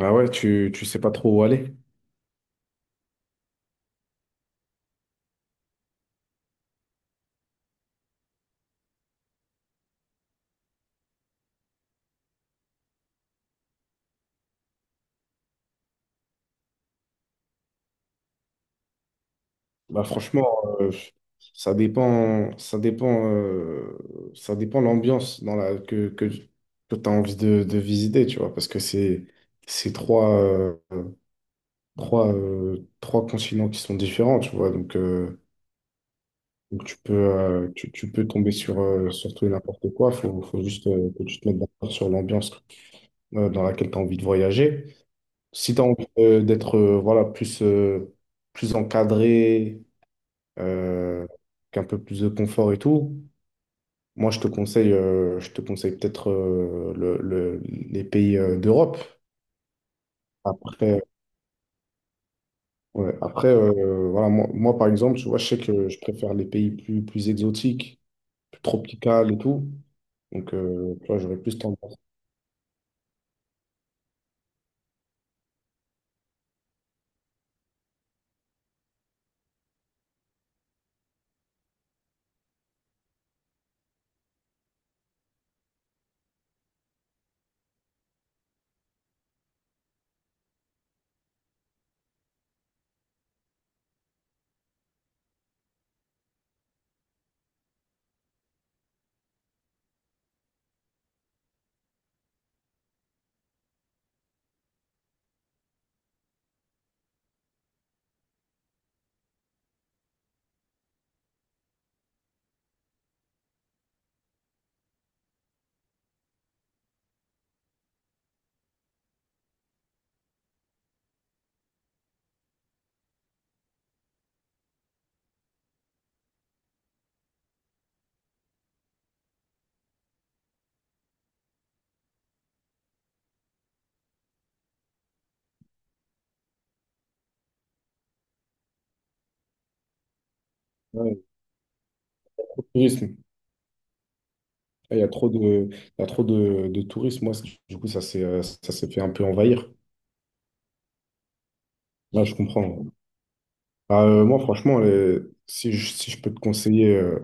Ah ouais, tu sais pas trop où aller. Bah franchement, euh, ça dépend, ça dépend, euh, ça dépend l'ambiance dans la que tu as envie de visiter, tu vois, parce que c'est trois, trois continents qui sont différents, tu vois. Donc tu peux tu peux tomber sur sur tout et n'importe quoi. Faut juste que tu te mettes d'accord sur l'ambiance dans laquelle tu as envie de voyager. Si tu as envie d'être voilà, plus plus encadré euh, qu'un peu plus de confort et tout. Moi, je te conseille peut-être les pays d'Europe. Après, ouais, après voilà, moi, moi, par exemple, tu vois, je sais que je préfère les pays plus, plus exotiques, plus tropicales et tout. Donc, tu vois, j'aurais plus tendance ouais, au tourisme. Il y a trop de tourisme. Moi, c'est- du coup, ça s'est fait un peu envahir. Là, je comprends. Bah, moi, franchement, si je, si je peux te conseiller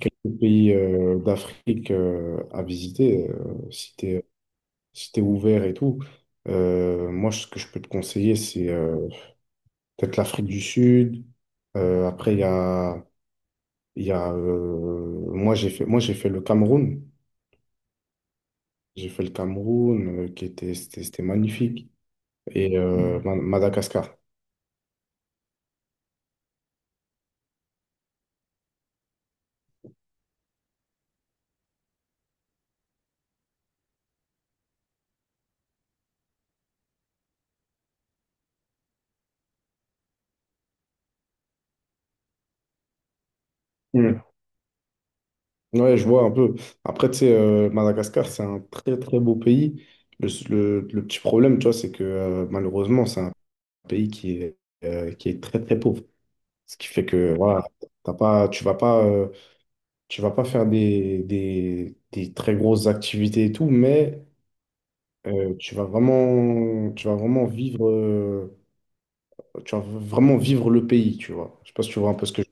quelques pays d'Afrique à visiter, si t'es, si t'es ouvert et tout. Moi, ce que je peux te conseiller, c'est peut-être l'Afrique du Sud. Après, il y a moi, moi, j'ai fait le Cameroun. J'ai fait le Cameroun, c'était magnifique. Et Madagascar. Mm. Ouais, je vois un peu. Après, tu sais, Madagascar, c'est un très très beau pays. Le petit problème, tu vois, c'est que malheureusement, c'est un pays qui est très très pauvre. Ce qui fait que voilà, t'as pas, tu vas pas, tu vas pas faire des très grosses activités et tout, mais tu vas vraiment vivre, tu vas vraiment vivre le pays, tu vois. Je sais pas si tu vois un peu ce que je...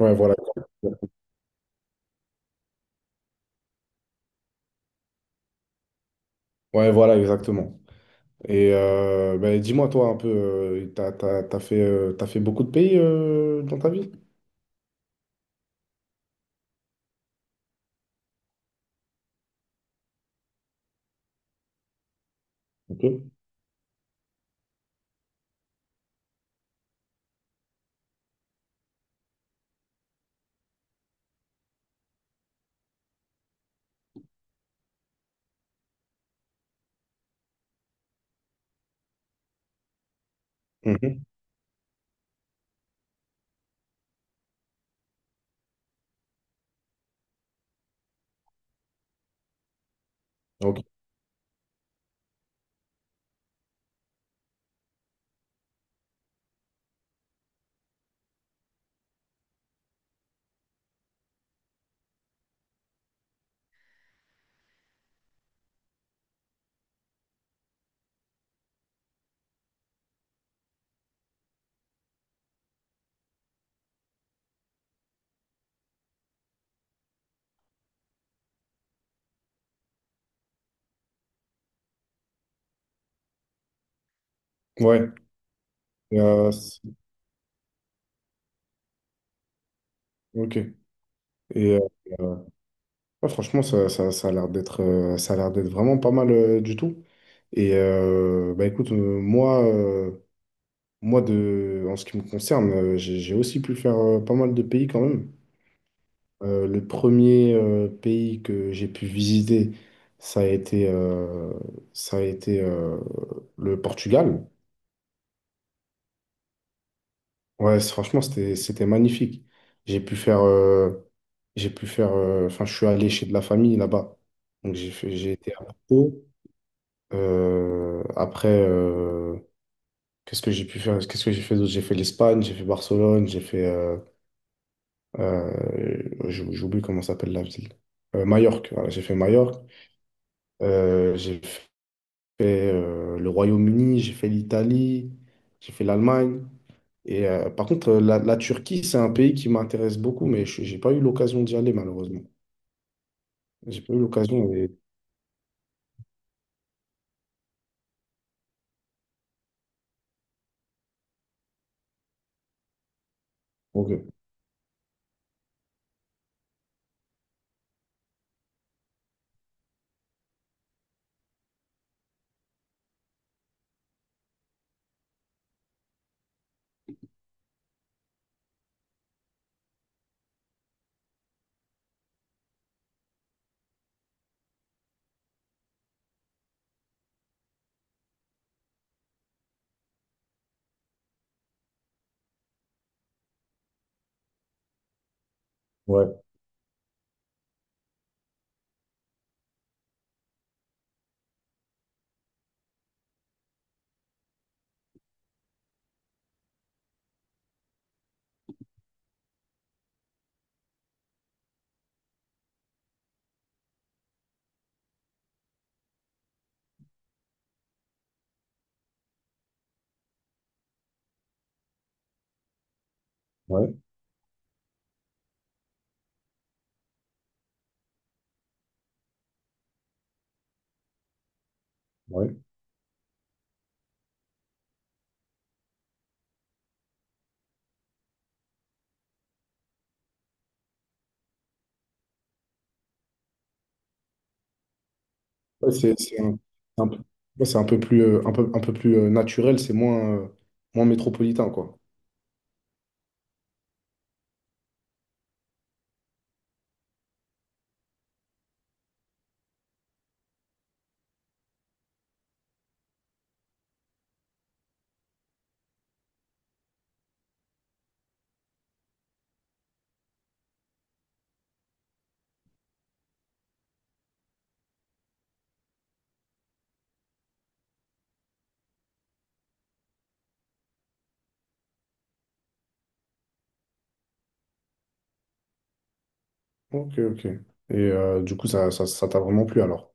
Ouais, voilà. Ouais, voilà, exactement. Et ben, dis-moi, toi, un peu, t'as fait beaucoup de pays dans ta vie? Ok. Mhm. Ok. Ouais. Et, ok. Et, euh, ouais, franchement, ça a l'air d'être ça a l'air d'être vraiment pas mal du tout. Et bah écoute, moi de, en ce qui me concerne, j'ai aussi pu faire pas mal de pays quand même. Le premier pays que j'ai pu visiter, ça a été, euh, ça a été le Portugal. Ouais, c'est- franchement, c'était, c'était magnifique. J'ai pu faire, euh, j'ai pu faire, enfin, je suis allé chez de la famille là-bas. Donc j'ai fait- j'ai été à Porto. Après, qu'est-ce que j'ai pu faire? Qu'est-ce que j'ai fait d'autre? J'ai fait l'Espagne, j'ai fait Barcelone, j'ai fait. Euh, J'oublie comment s'appelle la ville. Majorque, voilà, j'ai fait Majorque. J'ai fait le Royaume-Uni, j'ai fait l'Italie, j'ai fait l'Allemagne. Et par contre, la Turquie, c'est un pays qui m'intéresse beaucoup, mais je n'ai pas eu l'occasion d'y aller, malheureusement. J'ai pas eu l'occasion. Et... Ok. Ouais, ouais, ouais. Ouais, c'est un peu ouais, c'est un peu plus, un peu plus naturel, c'est moins, moins métropolitain, quoi. Ok, ok. Et du coup, ça t'a vraiment plu alors?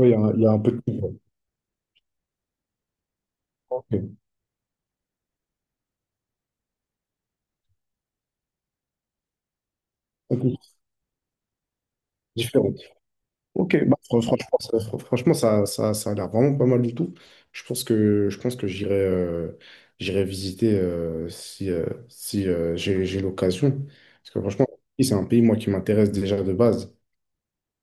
Oui, il y a, un il y a un peu de tout. Ouais. Ok. Un peu différente. Ok, bah, franchement, ça, franchement, ça a l'air vraiment pas mal du tout. Je pense que j'irai j'irai visiter si j'ai l'occasion. Parce que franchement, c'est un pays, moi, qui m'intéresse déjà de base.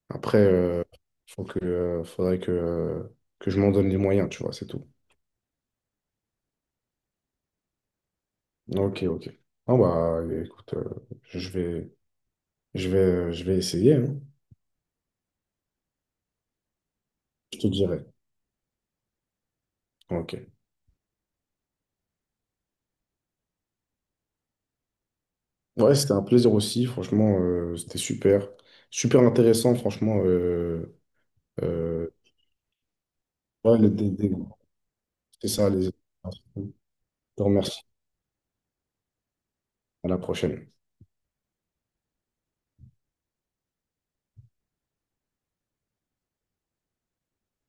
Après, faudrait que je m'en donne les moyens, tu vois, c'est tout. Ok, ok. Ah bah, écoute, je vais, je vais essayer, hein. Je te dirai. Ok. Ouais, c'était un plaisir aussi, franchement, c'était super. Super intéressant, franchement. Euh, ouais, c'est ça, les... Je te remercie. À la prochaine.